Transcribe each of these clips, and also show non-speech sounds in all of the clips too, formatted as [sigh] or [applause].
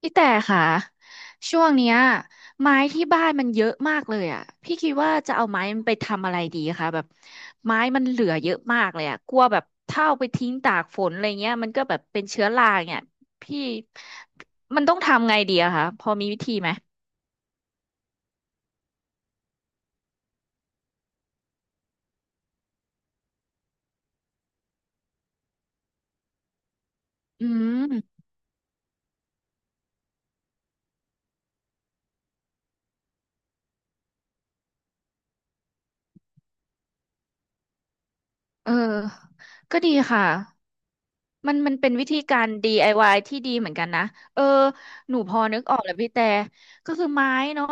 พี่แต่ค่ะช่วงเนี้ยไม้ที่บ้านมันเยอะมากเลยอ่ะพี่คิดว่าจะเอาไม้มันไปทำอะไรดีคะแบบไม้มันเหลือเยอะมากเลยอ่ะกลัวแบบถ้าเอาไปทิ้งตากฝนอะไรเงี้ยมันก็แบบเป็นเชื้อราเนี่ยพี่มันต้องทำไงดีอะคะพอมีวิธีไหมอืมเออก็ดีค่ะ มันเป็นวิธีการ DIY ที่ดีเหมือนกันนะ เออ หนูพอนึกออกแล้วพี่แต่ ก็คือไม้เนาะ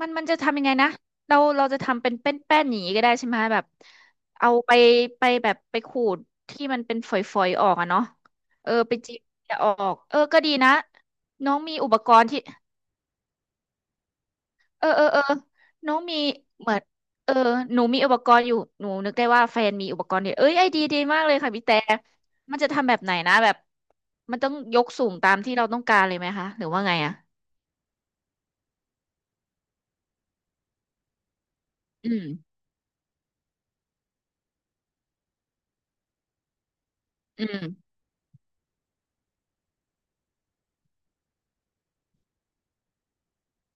มันจะทำยังไงนะเราจะทำเป็นแป้นอย่างนี้ก็ได้ใช่ไหมแบบ เอาไปไปแบบไปขูดที่มันเป็นฝอยๆออกอะเนาะเออ ไปจีบจะออก เออ ก็ดีนะ น้องมีอุปกรณ์ที่ เออเออเออน้องมีเหมือนเออหนูมีอุปกรณ์อยู่หนูนึกได้ว่าแฟนมีอุปกรณ์เนี่ยเอ้ยไอเดียดีมากเลยค่ะพี่แต่มันจะทำแบบไหนนะแบบมันต้องยกสูงตามที่เราต้องการเลยไหมคะหรือว่าไงอ่ะอืมอืม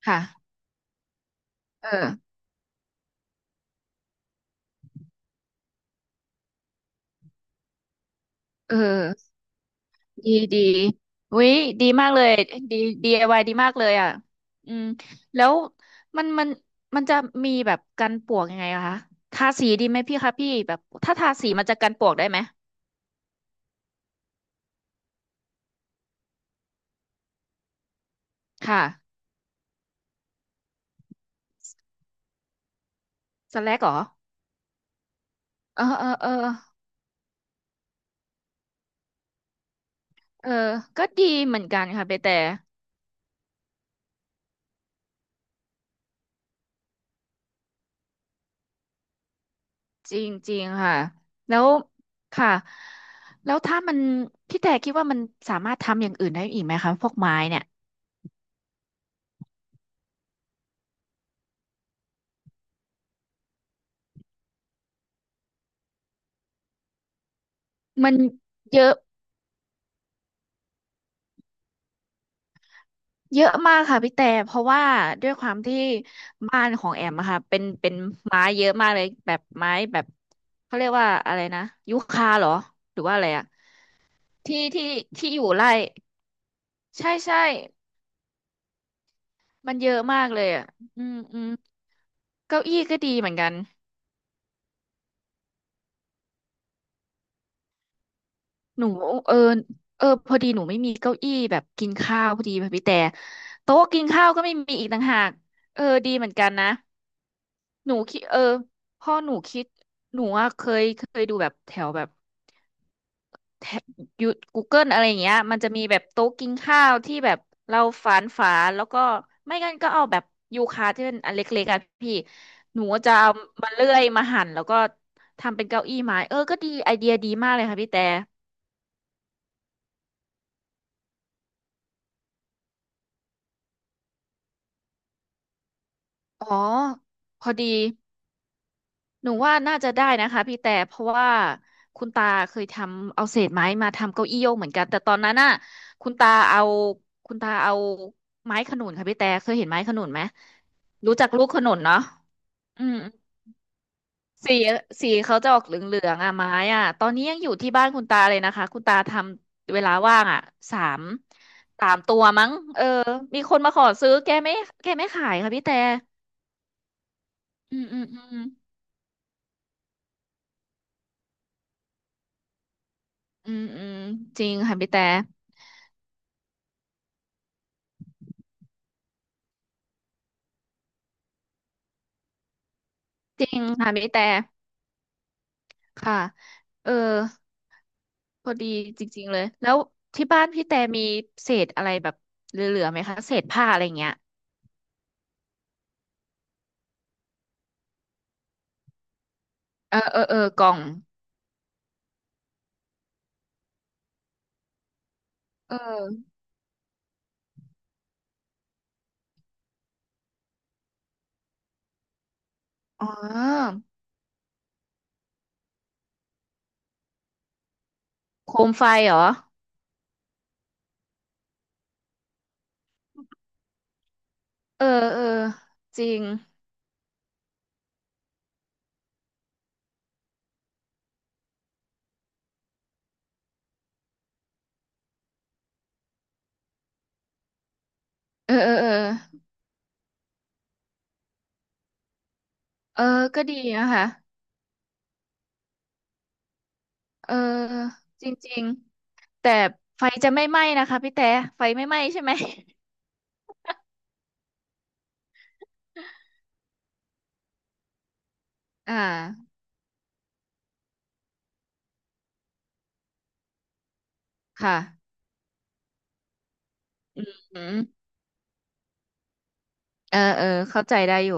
ค่ะเออเออดีดีวิดีมากเลยดี DIY ดีมากเลยอ่ะอืมแล้วมันมันมันจะมีแบบกันปลวกยังไงอะคะทาสีดีไหมพี่คะพี่แบบถ้าทาสีมันจะกันปลวกได้ไหมค่ะสแลกเหรอ เออเออเออเออก็ดีเหมือนกันค่ะไปแต่จริงจริงค่ะแล้วค่ะแล้วถ้ามันพี่แต่คิดว่ามันสามารถทำอย่างอื่นได้อีกไหมคะพวกไม้เนี่ยมันเยอะเยอะมากค่ะพี่แต่เพราะว่าด้วยความที่บ้านของแอมอะค่ะเป็นไม้เยอะมากเลยแบบไม้แบบเขาเรียกว่าอะไรนะยูคาเหรอหรือว่าอะไรอะที่ที่อยู่ไร่ใช่ใช่มันเยอะมากเลยอะอืมอืมเก้าอี้ก็ดีเหมือนกัน หนูเออเออพอดีหนูไม่มีเก้าอี้แบบกินข้าวพอดีค่ะพี่แต่โต๊ะกินข้าวก็ไม่มีอีกต่างหากเออดีเหมือนกันนะหนูคิดเออพ่อหนูคิดหนูอะเคยดูแบบแถวแบบแถวยู Google อะไรอย่างเงี้ยมันจะมีแบบโต๊ะกินข้าวที่แบบเราฝานฝาแล้วก็ไม่งั้นก็เอาแบบยูคาที่เป็นอันเล็กๆอะพี่หนูจะเอามาเลื่อยมาหั่นแล้วก็ทำเป็นเก้าอี้ไม้เออก็ดีไอเดียดีมากเลยค่ะพี่แต่อ๋อพอดี หนูว่าน่าจะได้นะคะพี่แต่เพราะว่าคุณตาเคยทำเอาเศษไม้มาทำเก้าอี้โยกเหมือนกันแต่ตอนนั้นน่ะคุณตาเอาคุณตาเอาไม้ขนุนค่ะพี่แต่เคยเห็นไม้ขนุนไหมรู้จักลูกขนุนเนาะอืมสีสีเขาจะออกเหลืองๆอ่ะไม้อ่ะตอนนี้ยังอยู่ที่บ้านคุณตาเลยนะคะคุณตาทำเวลาว่างอ่ะสามสามตัวมั้งเออมีคนมาขอซื้อแกไม่แกไม่ขายค่ะพี่แต่อืมอืมอืมอืมอืมจริงค่ะพี่แต่ จริงค่ะพี่แต่ค่ะ เออพอดีจริงๆเลยแล้วที่บ้านพี่แต่มีเศษอะไรแบบเหลือๆไหมคะเศษผ้าอะไรเงี้ยเออเออเออกล่องเอออ๋อโคมไฟเหรอเออเออจริง เออเออเออเออก็ดีนะคะเออจริงๆ แต่ไฟจะไม่ไหม้นะคะพี่แต่ไฟไม่ไหม้ใช่ไหม [laughs] อ่าค่ะอืมเออเออเข้าใจได้อยู่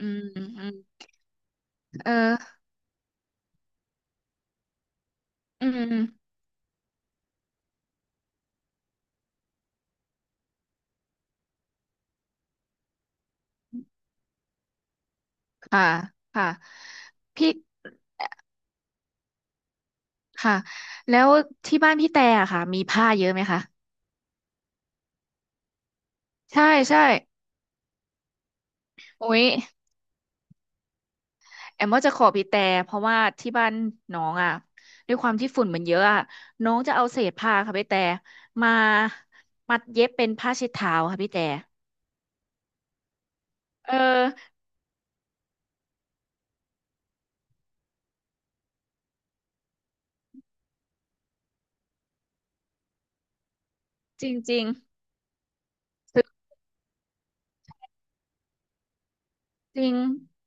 อืมอืมเอออืม ค่ะค่ะพี่ค่ะแล้วที่บ้านพี่แต่อะค่ะมีผ้าเยอะไหมคะใช่ใช่โอ้ยแอมว่าจะขอพี่แต่เพราะว่าที่บ้านน้องอ่ะด้วยความที่ฝุ่นมันเยอะอ่ะน้องจะเอาเศษผ้าค่ะพี่แต่มามัดเย็บเป็นผ้าเช็ดเท้าค่ะพี่แต่เออจริงๆ จริง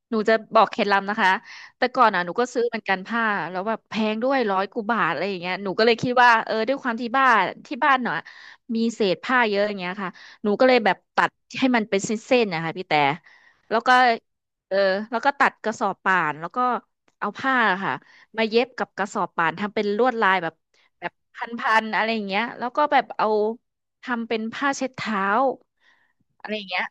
หนูจะบอกเคล็ดลับนะคะ แต่ก่อนอ่ะหนูก็ซื้อเหมือนกันผ้าแล้วแบบแพงด้วยร้อยกว่าบาทอะไรอย่างเงี้ยหนูก็เลยคิดว่าเออด้วยความที่บ้านเนาะมีเศษผ้าเยอะอย่างเงี้ยค่ะหนูก็เลยแบบตัดให้มันเป็นเส้นๆนะคะพี่แต่แล้วก็เออแล้วก็ตัดกระสอบป่านแล้วก็เอาผ้าค่ะมาเย็บกับกระสอบป่านทำเป็นลวดลายแบบแบบพันๆอะไรอย่างเงี้ยแล้วก็แบบเอาทำเป็นผ้าเช็ดเท้าอะไรอย่างเงี้ย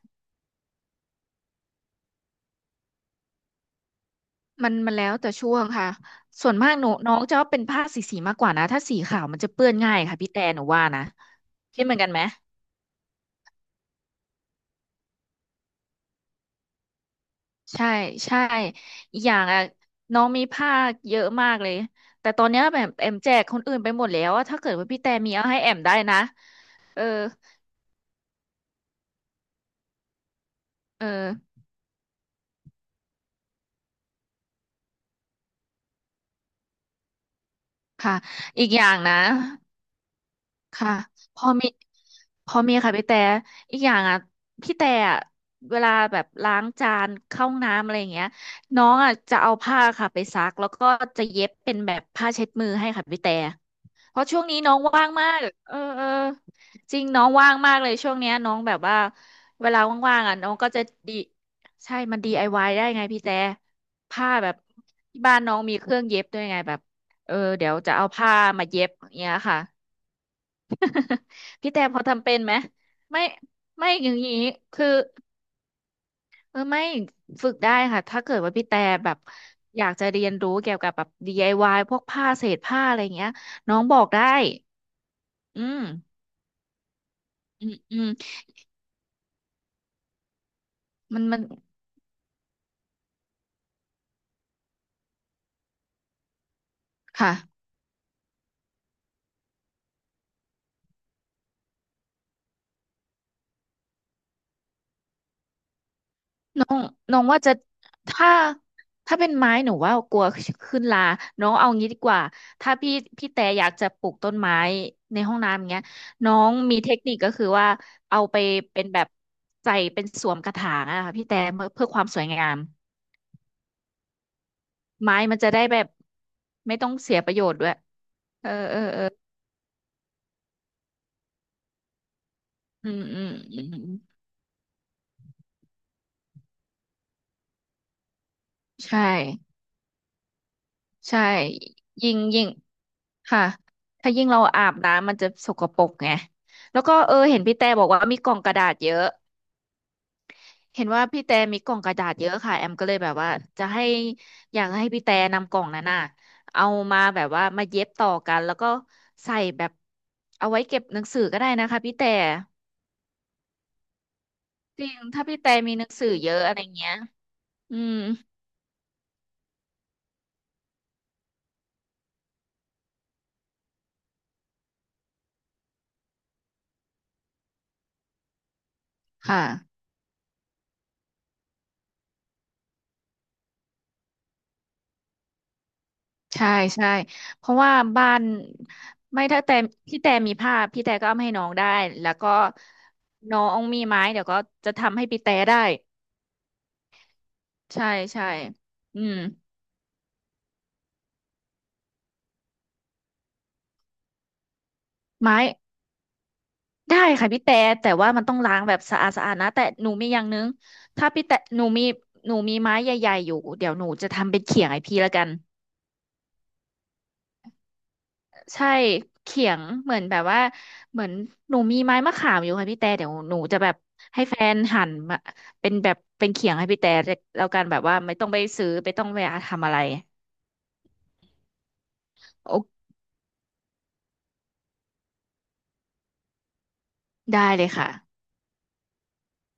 มันแล้วแต่ช่วงค่ะส่วนมากหนูน้องจะว่าเป็นผ้าสีมากกว่านะ ถ้าสีขาวมันจะเปื้อนง่ายค่ะพี่แต่หนูว่านะคิดเหมือนกันไหมใช่ใช่อีกอย่างอ่ะน้องมีผ้าคเยอะมากเลย แต่ตอนเนี้ยแบบแอมแจกคนอื่นไปหมดแล้วอะถ้าเกิดว่าพี่แต่มีเอาให้แอมได้นะเออ เออค่ะอีกอย่างนะ ค่ะพอมีค่ะพี่แต่อีกอย่างอ่ะพี่แต่อะเวลาแบบล้างจานเข้าห้องน้ำอะไรอย่างเงี้ยน้องอ่ะจะเอาผ้าค่ะไปซักแล้วก็จะเย็บเป็นแบบผ้าเช็ดมือให้ค่ะพี่แต่เพราะช่วงนี้น้องว่างมากเออเออจริงน้องว่างมากเลยช่วงเนี้ยน้องแบบว่าเวลาว่างๆอ่ะน้องก็จะดีใช่มัน DIY ไอวายได้ไงพี่แต่ผ้าแบบที่บ้านน้องมีเครื่องเย็บด้วยไงแบบเออเดี๋ยวจะเอาผ้ามาเย็บอย่างเงี้ยค่ะ [laughs] พี่แต่พอทำเป็นไหมไม่ไม่อย่างนี้คือไม่ฝึกได้ค่ะถ้าเกิดว่าพี่แต่แบบอยากจะเรียนรู้เกี่ยวกับแบบ DIY พวกผ้าเศษผ้าอะไรเงี้ยน้องบอกได้อืมอืมอืมมันค่ะ น้องน้องว่าจะถ้าถ้าเป็นไม้หนูว่ากลัวขึ้นราน้องเอางี้ดีกว่าถ้าพี่แต่อยากจะปลูกต้นไม้ในห้องน้ำอย่างเงี้ยน้องมีเทคนิคก็คือว่าเอาไปเป็นแบบใส่เป็นสวมกระถางอะค่ะพี่แต่เพื่อความสวยงามไม้มันจะได้แบบไม่ต้องเสียประโยชน์ด้วยเออเออเอออืมอืมอืมอืมใช่ใช่ยิ่งยิ่ง ค่ะถ้ายิ่งเราอาบน้ำมันจะสกปรกไงแล้วก็เออเห็นพี่แต่บอกว่ามีกล่องกระดาษเยอะเห็นว่าพี่แต่มีกล่องกระดาษเยอะค่ะแอมก็เลยแบบว่าจะให้อยากให้พี่แต่นำกล่องนั้นน่ะเอามาแบบว่ามาเย็บต่อกันแล้วก็ใส่แบบเอาไว้เก็บหนังสือก็ได้นะคะพี่แต่จริงถ้าพี่แต่มีหนังสือเยอะอะไรเงี้ยอืมค่ะ ใช่ใช่เพราะว่าบ้านไม่ถ้าแต่พี่แต่มีผ้าพี่แต่ก็เอามาให้น้องได้แล้วก็น้องมีไม้เดี๋ยวก็จะทำให้พี่แต่ได้ใช่ใช่อืมไม้ได้ค่ะพี่แต่แต่ว่ามันต้องล้างแบบสะอาดสะอาดนะแต่หนูมีอย่างนึงถ้าพี่แต่หนูมีไม้ใหญ่ๆอยู่เดี๋ยวหนูจะทำเป็นเขียงให้พี่ละกัน ใช่เขียงเหมือนแบบว่าเหมือนหนูมีไม้มะขามอยู่ค่ะพี่แต่เดี๋ยวหนูจะแบบให้แฟนหั่นมาเป็นแบบเป็นเขียงให้พี่แต่แล้วกันแบบว่าไม่ต้องไปซื้อไม่ต้องไปทำอะไรโอ้ได้เลยค่ะ